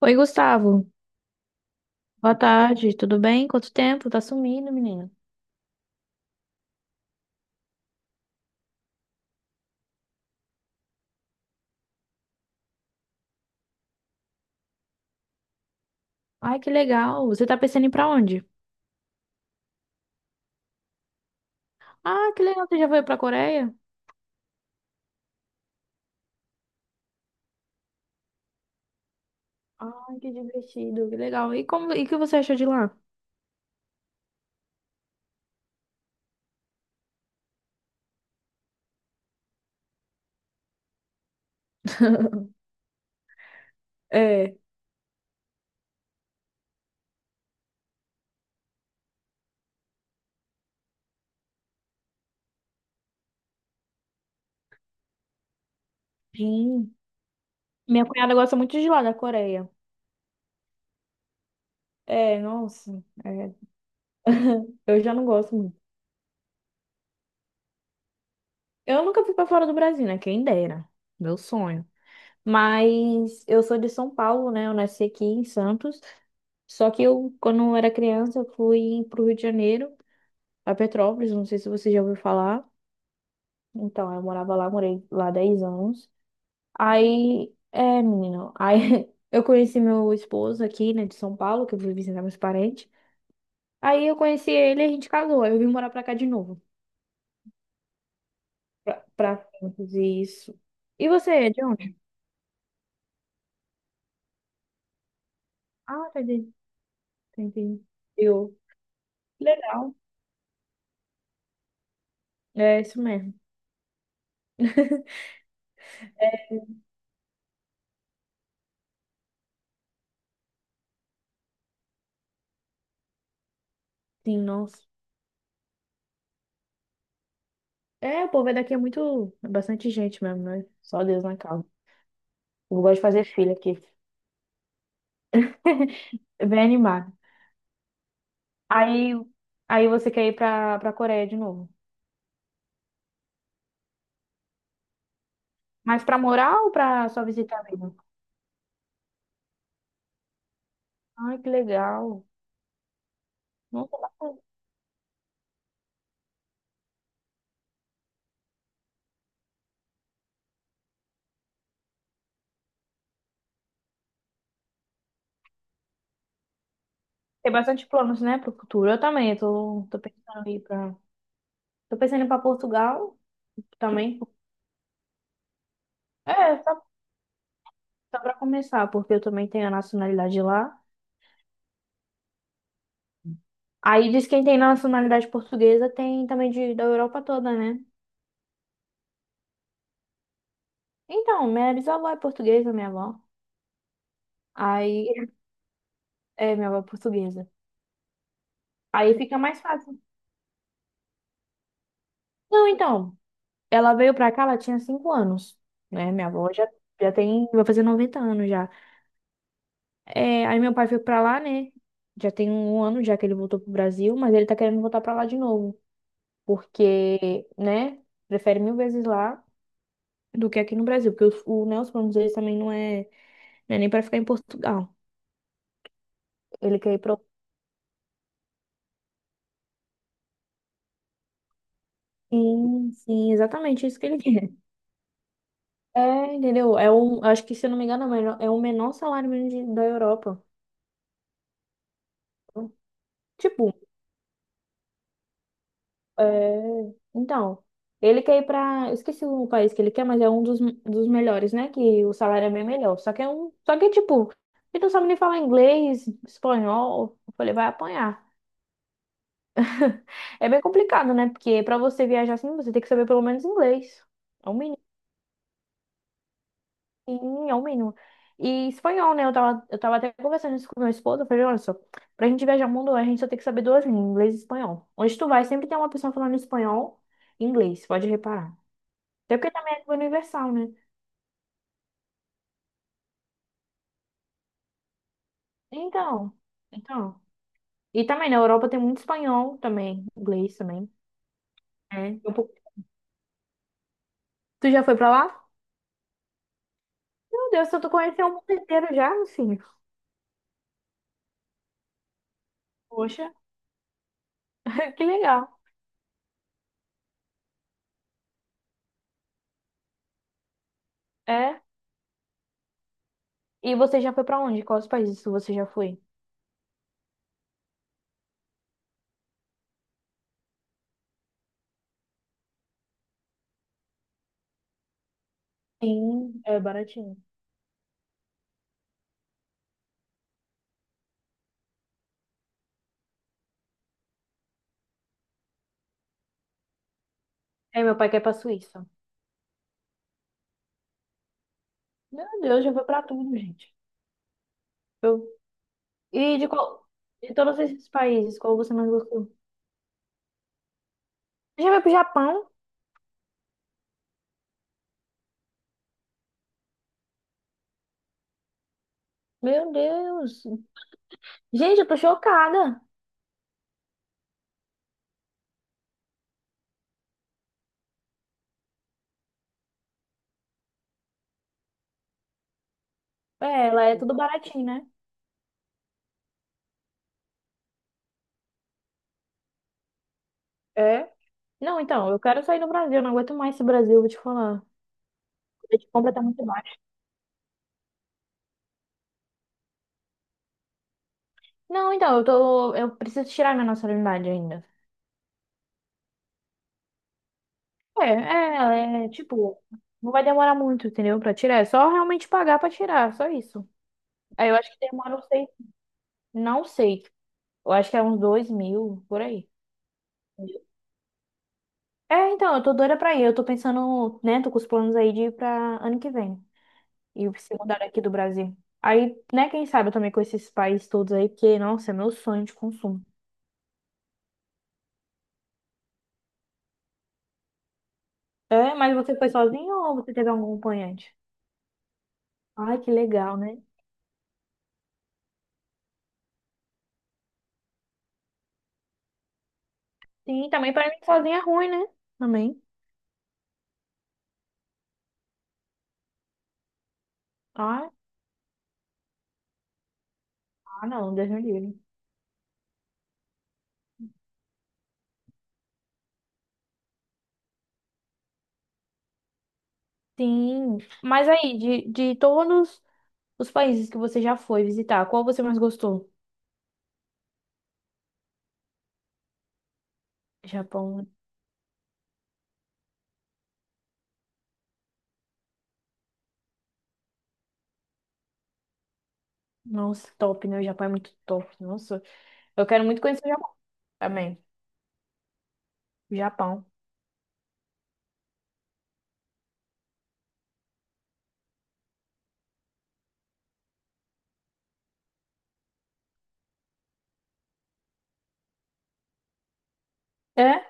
Oi, Gustavo. Boa tarde, tudo bem? Quanto tempo? Tá sumindo, menino. Ai, que legal. Você tá pensando em ir pra onde? Ah, que legal. Você já foi pra Coreia? Ai, que divertido, que legal. E o que você achou de lá? É, sim. Minha cunhada gosta muito de lá, da Coreia. É, nossa. É, eu já não gosto muito. Eu nunca fui pra fora do Brasil, né? Quem dera. Meu sonho. Mas eu sou de São Paulo, né? Eu nasci aqui em Santos. Só que eu, quando eu era criança, eu fui pro Rio de Janeiro, a Petrópolis, não sei se você já ouviu falar. Então, morei lá 10 anos. Aí, é, menino, aí eu conheci meu esposo aqui, né, de São Paulo, que eu fui visitar meus parentes. Aí eu conheci ele e a gente casou. Aí eu vim morar pra cá de novo, pra Santos, isso. E você, é de onde? Ah, tá, entendi. Eu. Legal. É isso mesmo. É, sim, nossa. É, o povo é daqui é muito... É bastante gente mesmo, né? Só Deus na casa. Eu gosto de fazer filha aqui. Bem animado. Aí, aí, você quer ir pra Coreia de novo. Mas pra morar ou pra só visitar mesmo? Ai, que legal. Nossa, bacana. Tem bastante planos, né, pro futuro. Eu também, eu tô pensando em ir pra... Tô pensando em ir pra Portugal também. É, só pra começar, porque eu também tenho a nacionalidade lá. Aí diz que quem tem nacionalidade portuguesa tem também da Europa toda, né? Então, minha bisavó é portuguesa, minha avó. Aí, é, minha avó é portuguesa. Aí fica mais fácil. Não, então... Ela veio pra cá, ela tinha 5 anos, né? Minha avó já tem, vai fazer 90 anos já. É, aí meu pai foi pra lá, né? Já tem 1 ano já que ele voltou pro Brasil, mas ele tá querendo voltar pra lá de novo, porque, né? Prefere mil vezes lá do que aqui no Brasil, porque o, né, os planos deles também não é, não é nem pra ficar em Portugal. Ele quer ir pro... Sim, sim, exatamente isso que ele quer. É, entendeu? É um, acho que, se eu não me engano, é o menor salário mínimo da Europa. Tipo, é, então, ele quer ir pra. Eu esqueci o país que ele quer, mas é um dos melhores, né? Que o salário é bem melhor. Só que é um. Só que, tipo, ele não sabe nem falar inglês, espanhol. Eu falei, vai apanhar. É bem complicado, né? Porque pra você viajar assim, você tem que saber pelo menos inglês. É o mínimo, sim, é o mínimo. E espanhol, né? Eu tava até conversando isso com meu esposo. Eu falei, olha só, pra gente viajar o mundo, a gente só tem que saber duas línguas, inglês e espanhol. Onde tu vai, sempre tem uma pessoa falando espanhol e inglês, pode reparar. Até porque também é língua universal, né? Então, então. E também na Europa tem muito espanhol também, inglês também. É. um pouco- Tu já foi pra lá? Meu Deus, tu conheceu o mundo inteiro já, meu filho. Poxa, que legal. É. E você já foi pra onde? Quais países você já foi? Sim, é baratinho. É, meu pai quer ir pra Suíça. Meu Deus, já foi pra tudo, gente. Eu... E de qual... De todos esses países, qual você mais gostou? Você já foi pro Japão? Meu Deus. Gente, eu tô chocada. É, lá é tudo baratinho, né? É? Não, então, eu quero sair do Brasil, eu não aguento mais esse Brasil, vou te falar. A gente compra tá muito baixo. Não, então, eu tô. Eu preciso tirar minha nacionalidade ainda. É, ela é tipo, não vai demorar muito, entendeu? Pra tirar. É só realmente pagar pra tirar, só isso. Aí eu acho que demora, não sei. Não sei. Eu acho que é uns 2.000, por aí. É, então, eu tô doida pra ir. Eu tô pensando, né? Tô com os planos aí de ir pra ano que vem. E se mudaram aqui do Brasil. Aí, né, quem sabe eu também com esses países todos aí, porque, nossa, é meu sonho de consumo. É, mas você foi sozinho ou você teve algum acompanhante? Ai, que legal, né? Sim, também para mim sozinha é ruim, né? Também. Ah, não, Deus me livre. Sim, mas aí, de todos os países que você já foi visitar, qual você mais gostou? Japão, nossa, top, né? O Japão é muito top, nossa. Eu quero muito conhecer o Japão também. Japão. É?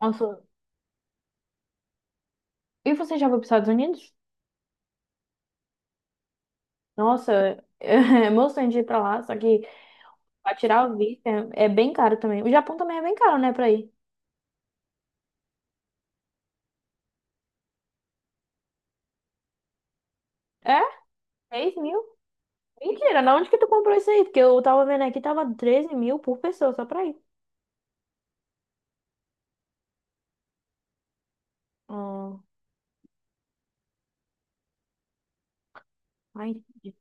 Nossa. E você já foi para os Estados Unidos? Nossa, é emocionante ir pra lá, só que pra tirar o visto é bem caro também. O Japão também é bem caro, né, pra ir. É? 6 mil? Mentira, na onde que tu comprou isso aí? Porque eu tava vendo aqui, tava 13.000 por pessoa, só pra ir. Ah, ai, entendi.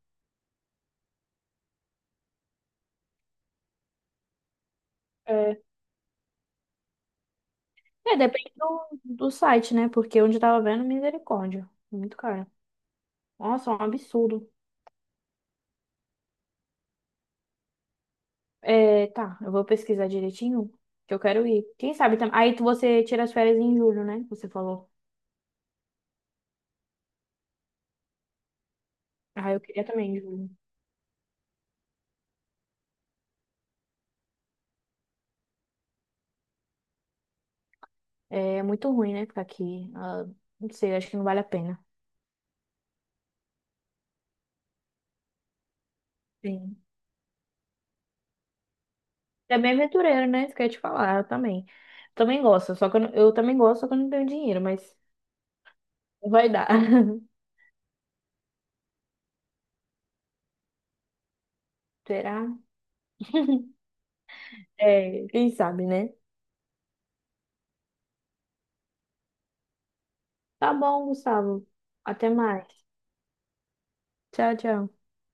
é, é, depende do site, né? Porque onde eu tava vendo, misericórdia. Muito caro. Nossa, é um absurdo. É, tá, eu vou pesquisar direitinho, que eu quero ir. Quem sabe também. Aí você tira as férias em julho, né? Você falou. Ah, eu queria também em julho. É muito ruim, né? Ficar aqui. Ah, não sei, acho que não vale a pena. Sim. É bem aventureiro, né? Isso que eu ia te falar, eu também. Também gosto, só que eu, não- eu também gosto, só que eu não tenho dinheiro, mas vai dar. Será? É, quem sabe, né? Tá bom, Gustavo. Até mais. Tchau, tchau.